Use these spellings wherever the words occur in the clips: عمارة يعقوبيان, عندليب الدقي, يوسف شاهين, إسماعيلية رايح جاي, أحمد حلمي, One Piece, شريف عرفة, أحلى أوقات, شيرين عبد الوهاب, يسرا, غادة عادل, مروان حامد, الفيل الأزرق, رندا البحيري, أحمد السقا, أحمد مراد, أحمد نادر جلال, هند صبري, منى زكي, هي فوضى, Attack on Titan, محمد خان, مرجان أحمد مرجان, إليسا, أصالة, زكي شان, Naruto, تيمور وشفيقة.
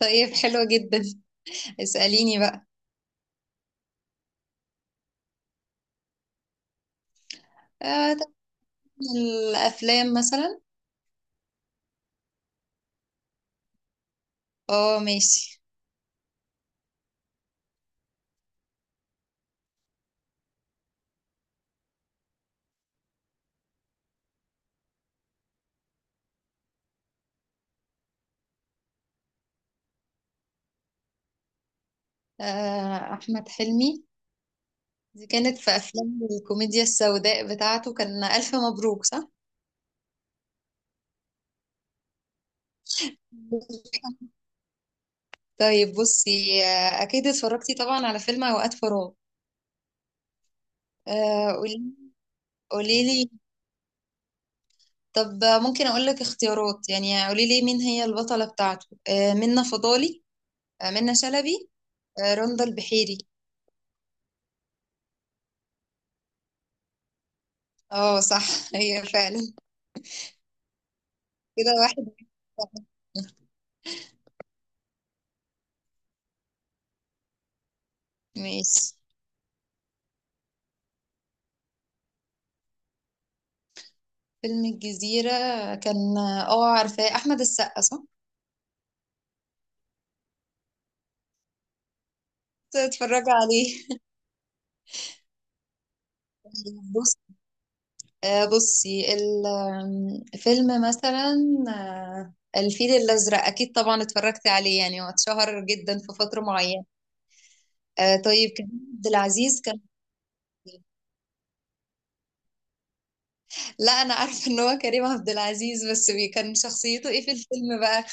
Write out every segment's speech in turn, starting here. طيب، حلو جدا. اسأليني بقى. طب، الأفلام مثلا. اه، ماشي. أحمد حلمي، دي كانت في أفلام الكوميديا السوداء بتاعته. كان ألف مبروك، صح؟ طيب، بصي، أكيد اتفرجتي طبعا على فيلم أوقات فراغ. آه قولي قوليلي طب ممكن أقول لك اختيارات، يعني قوليلي مين هي البطلة بتاعته. منة فضالي، منة شلبي، رندا البحيري. اه، صح. هي فعلا. كده واحد. ماشي. فيلم الجزيرة كان، اه، عارفاه؟ أحمد السقا، صح؟ تتفرجي عليه. بص، بصي، الفيلم مثلا. آه، الفيل الأزرق أكيد طبعا اتفرجت عليه، يعني هو اتشهر جدا في فترة معينة. طيب، كريم عبد العزيز كان. لا، أنا عارفة إن هو كريم عبد العزيز، بس كان شخصيته إيه في الفيلم بقى؟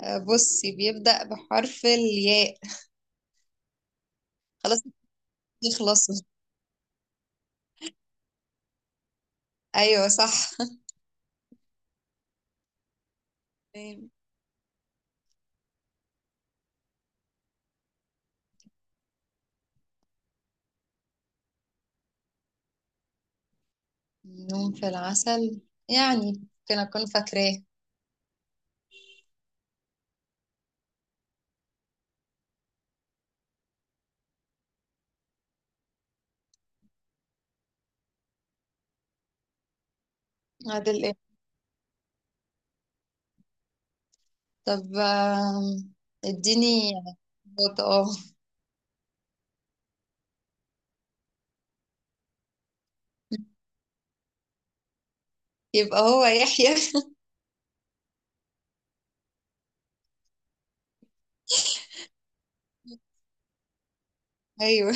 بصي، بيبدأ بحرف الياء. خلاص. يخلصوا. أيوه صح. يوم في العسل، يعني ممكن أكون فاكراه. عادل إيه؟ طب، اديني نقطة. اه. يبقى هو يحيى. أيوه.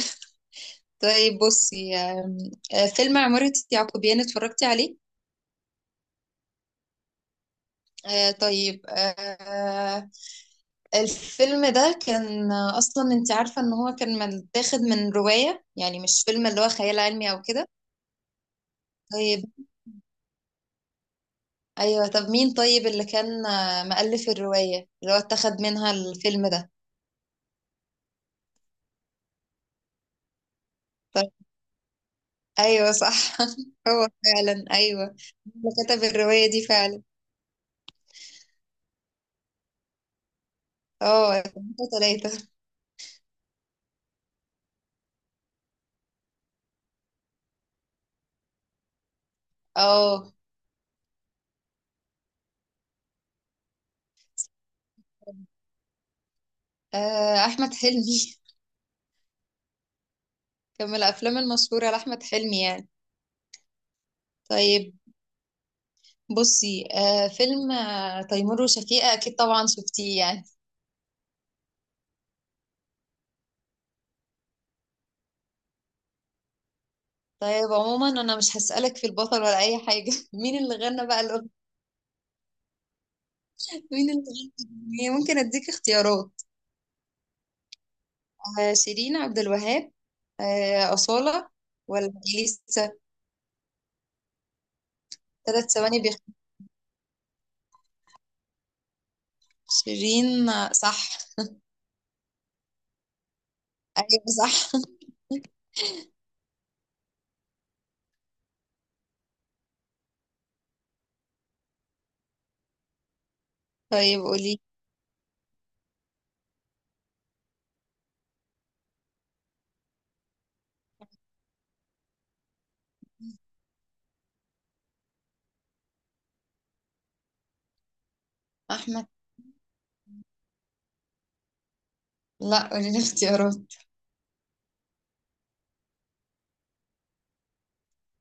طيب، بصي، فيلم عمارة يعقوبيان اتفرجتي عليه. طيب، الفيلم ده كان أصلا، أنت عارفة إن هو كان متاخد من رواية، يعني مش فيلم اللي هو خيال علمي أو كده. طيب. ايوه، طب مين، طيب اللي كان مؤلف الرواية اللي هو اتخذ منها الفيلم ده. طب ايوه صح. هو فعلا ايوه. اللي كتب الرواية دي فعلا. اه. ثلاثة. اه. احمد حلمي. كان من الافلام المشهورة لاحمد حلمي يعني. طيب، بصي، فيلم تيمور وشفيقة اكيد طبعا شفتيه يعني. طيب، عموما انا مش هسألك في البطل ولا اي حاجة. مين اللي غنى بقى الأغنية؟ مين اللي غنى الأغنية؟ ممكن اديك اختيارات. شيرين عبد الوهاب، أصالة، ولا إليسا؟ 3 ثواني شيرين، صح. أيوة صح. طيب قولي. أحمد لا، قولي لي اختيارات.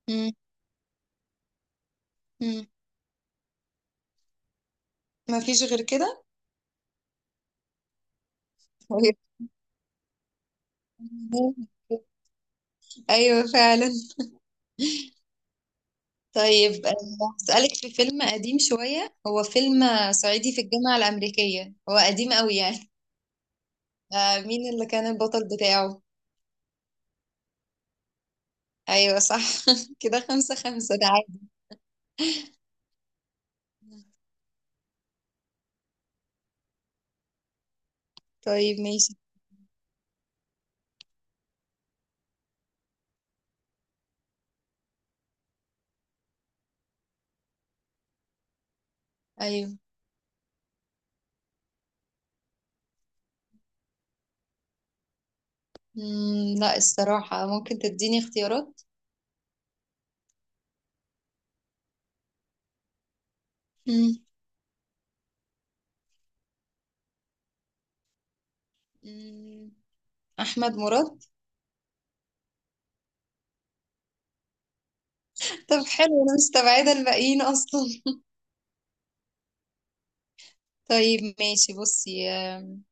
مم، مم. ما فيش غير كده. طيب أيوة فعلا. طيب، هسألك في فيلم قديم شوية، هو فيلم صعيدي في الجامعة الأمريكية، هو قديم قوي يعني. مين اللي كان البطل بتاعه؟ أيوة صح. كده خمسة خمسة ده عادي. طيب ماشي. أيوة. مم، لا، الصراحة ممكن تديني اختيارات. مم. مم، أحمد مراد. طب حلو، أنا مستبعدة الباقيين أصلا. طيب ماشي، بصي،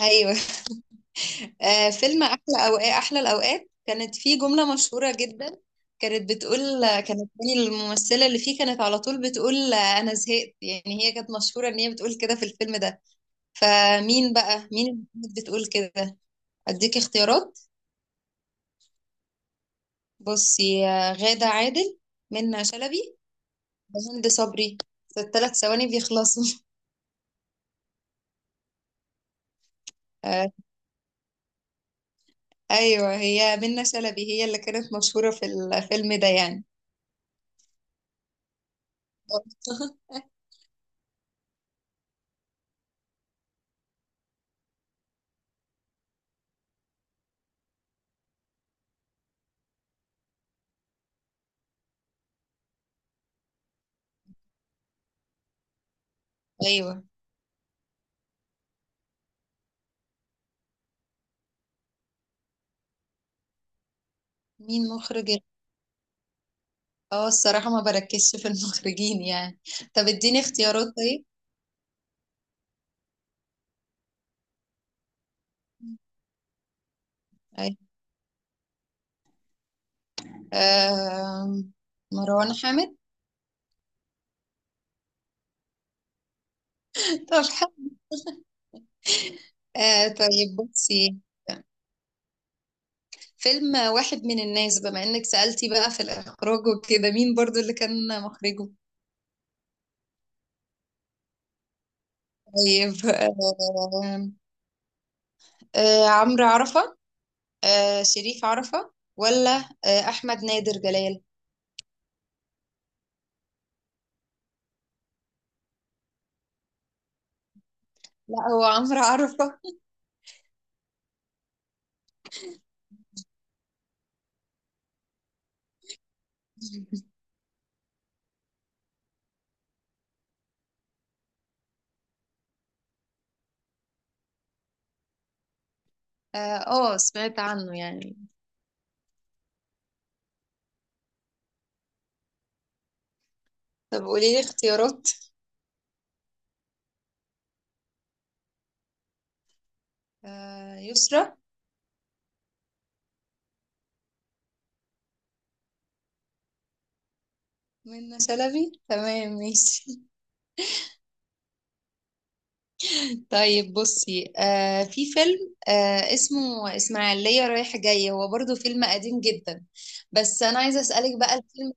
أيوه. فيلم أحلى أوقات، أحلى الأوقات كانت فيه جملة مشهورة جدا. كانت بتقول، كانت مين الممثلة اللي فيه كانت على طول بتقول أنا زهقت، يعني هي كانت مشهورة إن هي بتقول كده في الفيلم ده. فمين بقى، مين اللي كانت بتقول كده؟ أديك اختيارات. بصي غادة عادل، منى شلبي، هند صبري، في الثلاث ثواني بيخلصوا. آه، ايوه، هي منة شلبي، هي اللي كانت مشهورة في الفيلم ده يعني. ايوه، مين مخرج اه، الصراحة ما بركزش في المخرجين يعني. طب اديني اختيارات طيب. أيوة. آه، مروان حامد. طب حلو. طيب، بصي فيلم واحد من الناس، بما انك سألتي بقى في الاخراج وكده، مين برضو اللي كان مخرجه؟ طيب، عمرو عرفة، شريف عرفة، ولا أحمد نادر جلال. لا، هو عمرو عرفة. اه، سمعت عنه يعني. طب قولي لي اختيارات. آه يسرا. منة شلبي تمام ماشي. طيب بصي في فيلم اسمه إسماعيلية رايح جاي، هو برضو فيلم قديم جدا. بس أنا عايزة أسألك بقى الفيلم.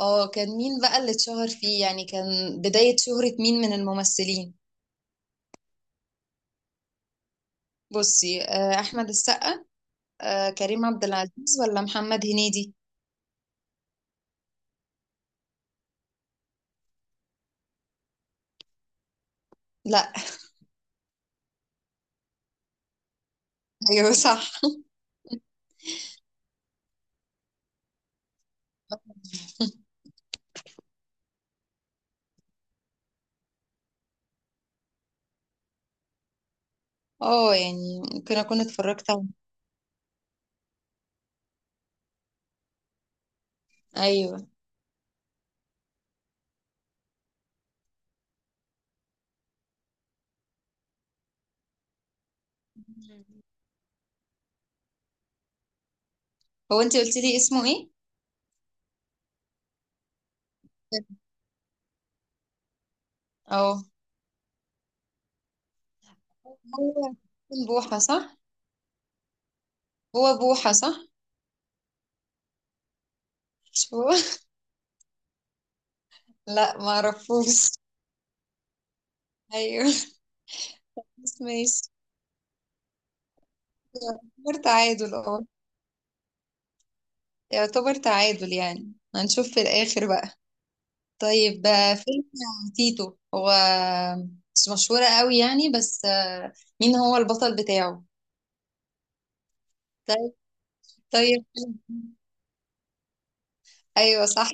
اه، كان مين بقى اللي اتشهر فيه يعني، كان بداية شهرة مين من الممثلين. بصي أحمد السقا، كريم عبد العزيز، ولا محمد هنيدي. لا. ايوه صح. اه، يعني ممكن اكون اتفرجت عليه. ايوه. هو انت قلت لي اسمه ايه؟ اه، هو بوحة صح، هو بوحة صح، مش هو. لا، ما اعرفوش. ايوه. بس ماشي. يعتبر تعادل، اه، يعتبر تعادل، يعني هنشوف في الاخر بقى. طيب، فيلم تيتو، هو مش مشهورة قوي يعني، بس مين هو البطل بتاعه؟ طيب حلو. ايوه صح.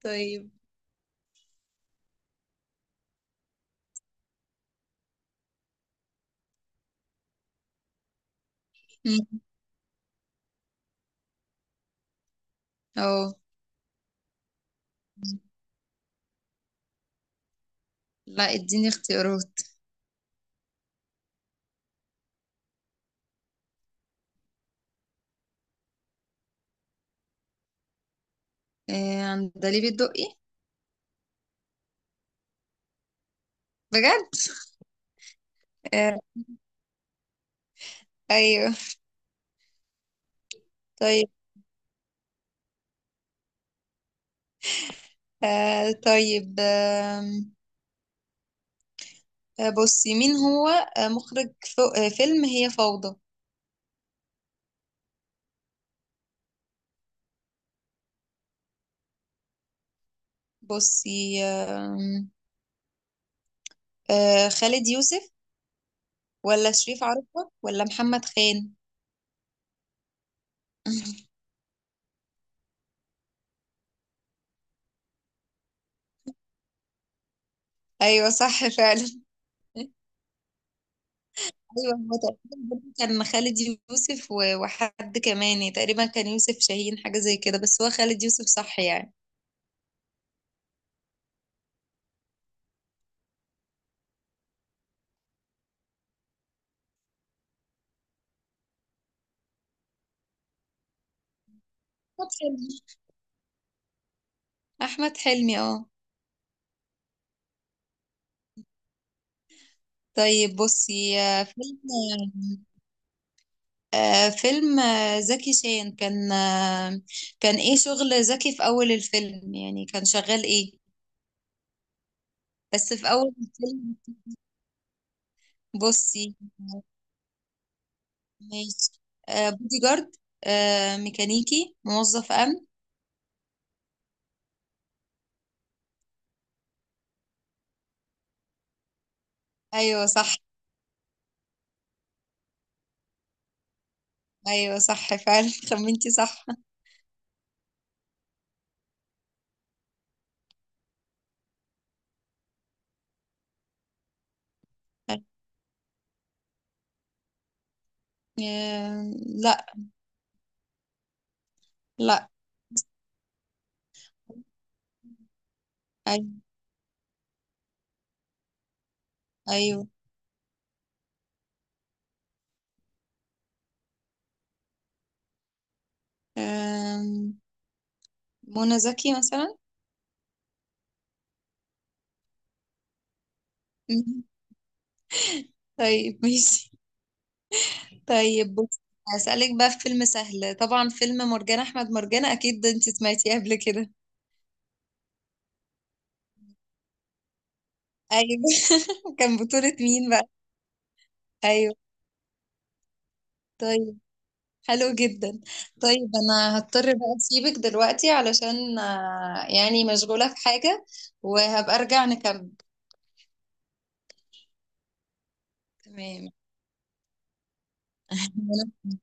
طيب. مم. اه، لا، اديني اختيارات. عندليب الدقي. بجد. آه، ايوه. طيب، طيب، بصي، مين هو مخرج فيلم هي فوضى. بصي، خالد يوسف، ولا شريف عرفة، ولا محمد خان؟ ايوه صح فعلا. أيوه، هو تقريبا برضه كان خالد يوسف وحد كمان يعني، تقريبا كان يوسف شاهين، حاجة زي كده، بس هو خالد يوسف صح يعني. أحمد حلمي. أحمد حلمي، اه. طيب بصي فيلم فيلم زكي شان كان، كان ايه شغل زكي في أول الفيلم، يعني كان شغال ايه، بس في أول الفيلم. بصي آه، ماشي. بودي جارد، ميكانيكي، موظف أمن. أيوه صح. أيوه صح فعلا. خمنتي صح. لا. لا. أيوة. أيوه. آم، منى زكي مثلا. مم. طيب ماشي. طيب بص، هسألك بقى في فيلم سهل طبعا، فيلم مرجان أحمد مرجان، أكيد ده أنت سمعتيه قبل كده. أيوه. كان بطولة مين بقى؟ أيوه، طيب، حلو جدا. طيب، أنا هضطر بقى أسيبك دلوقتي علشان يعني مشغولة في حاجة، وهبقى أرجع نكمل. تمام.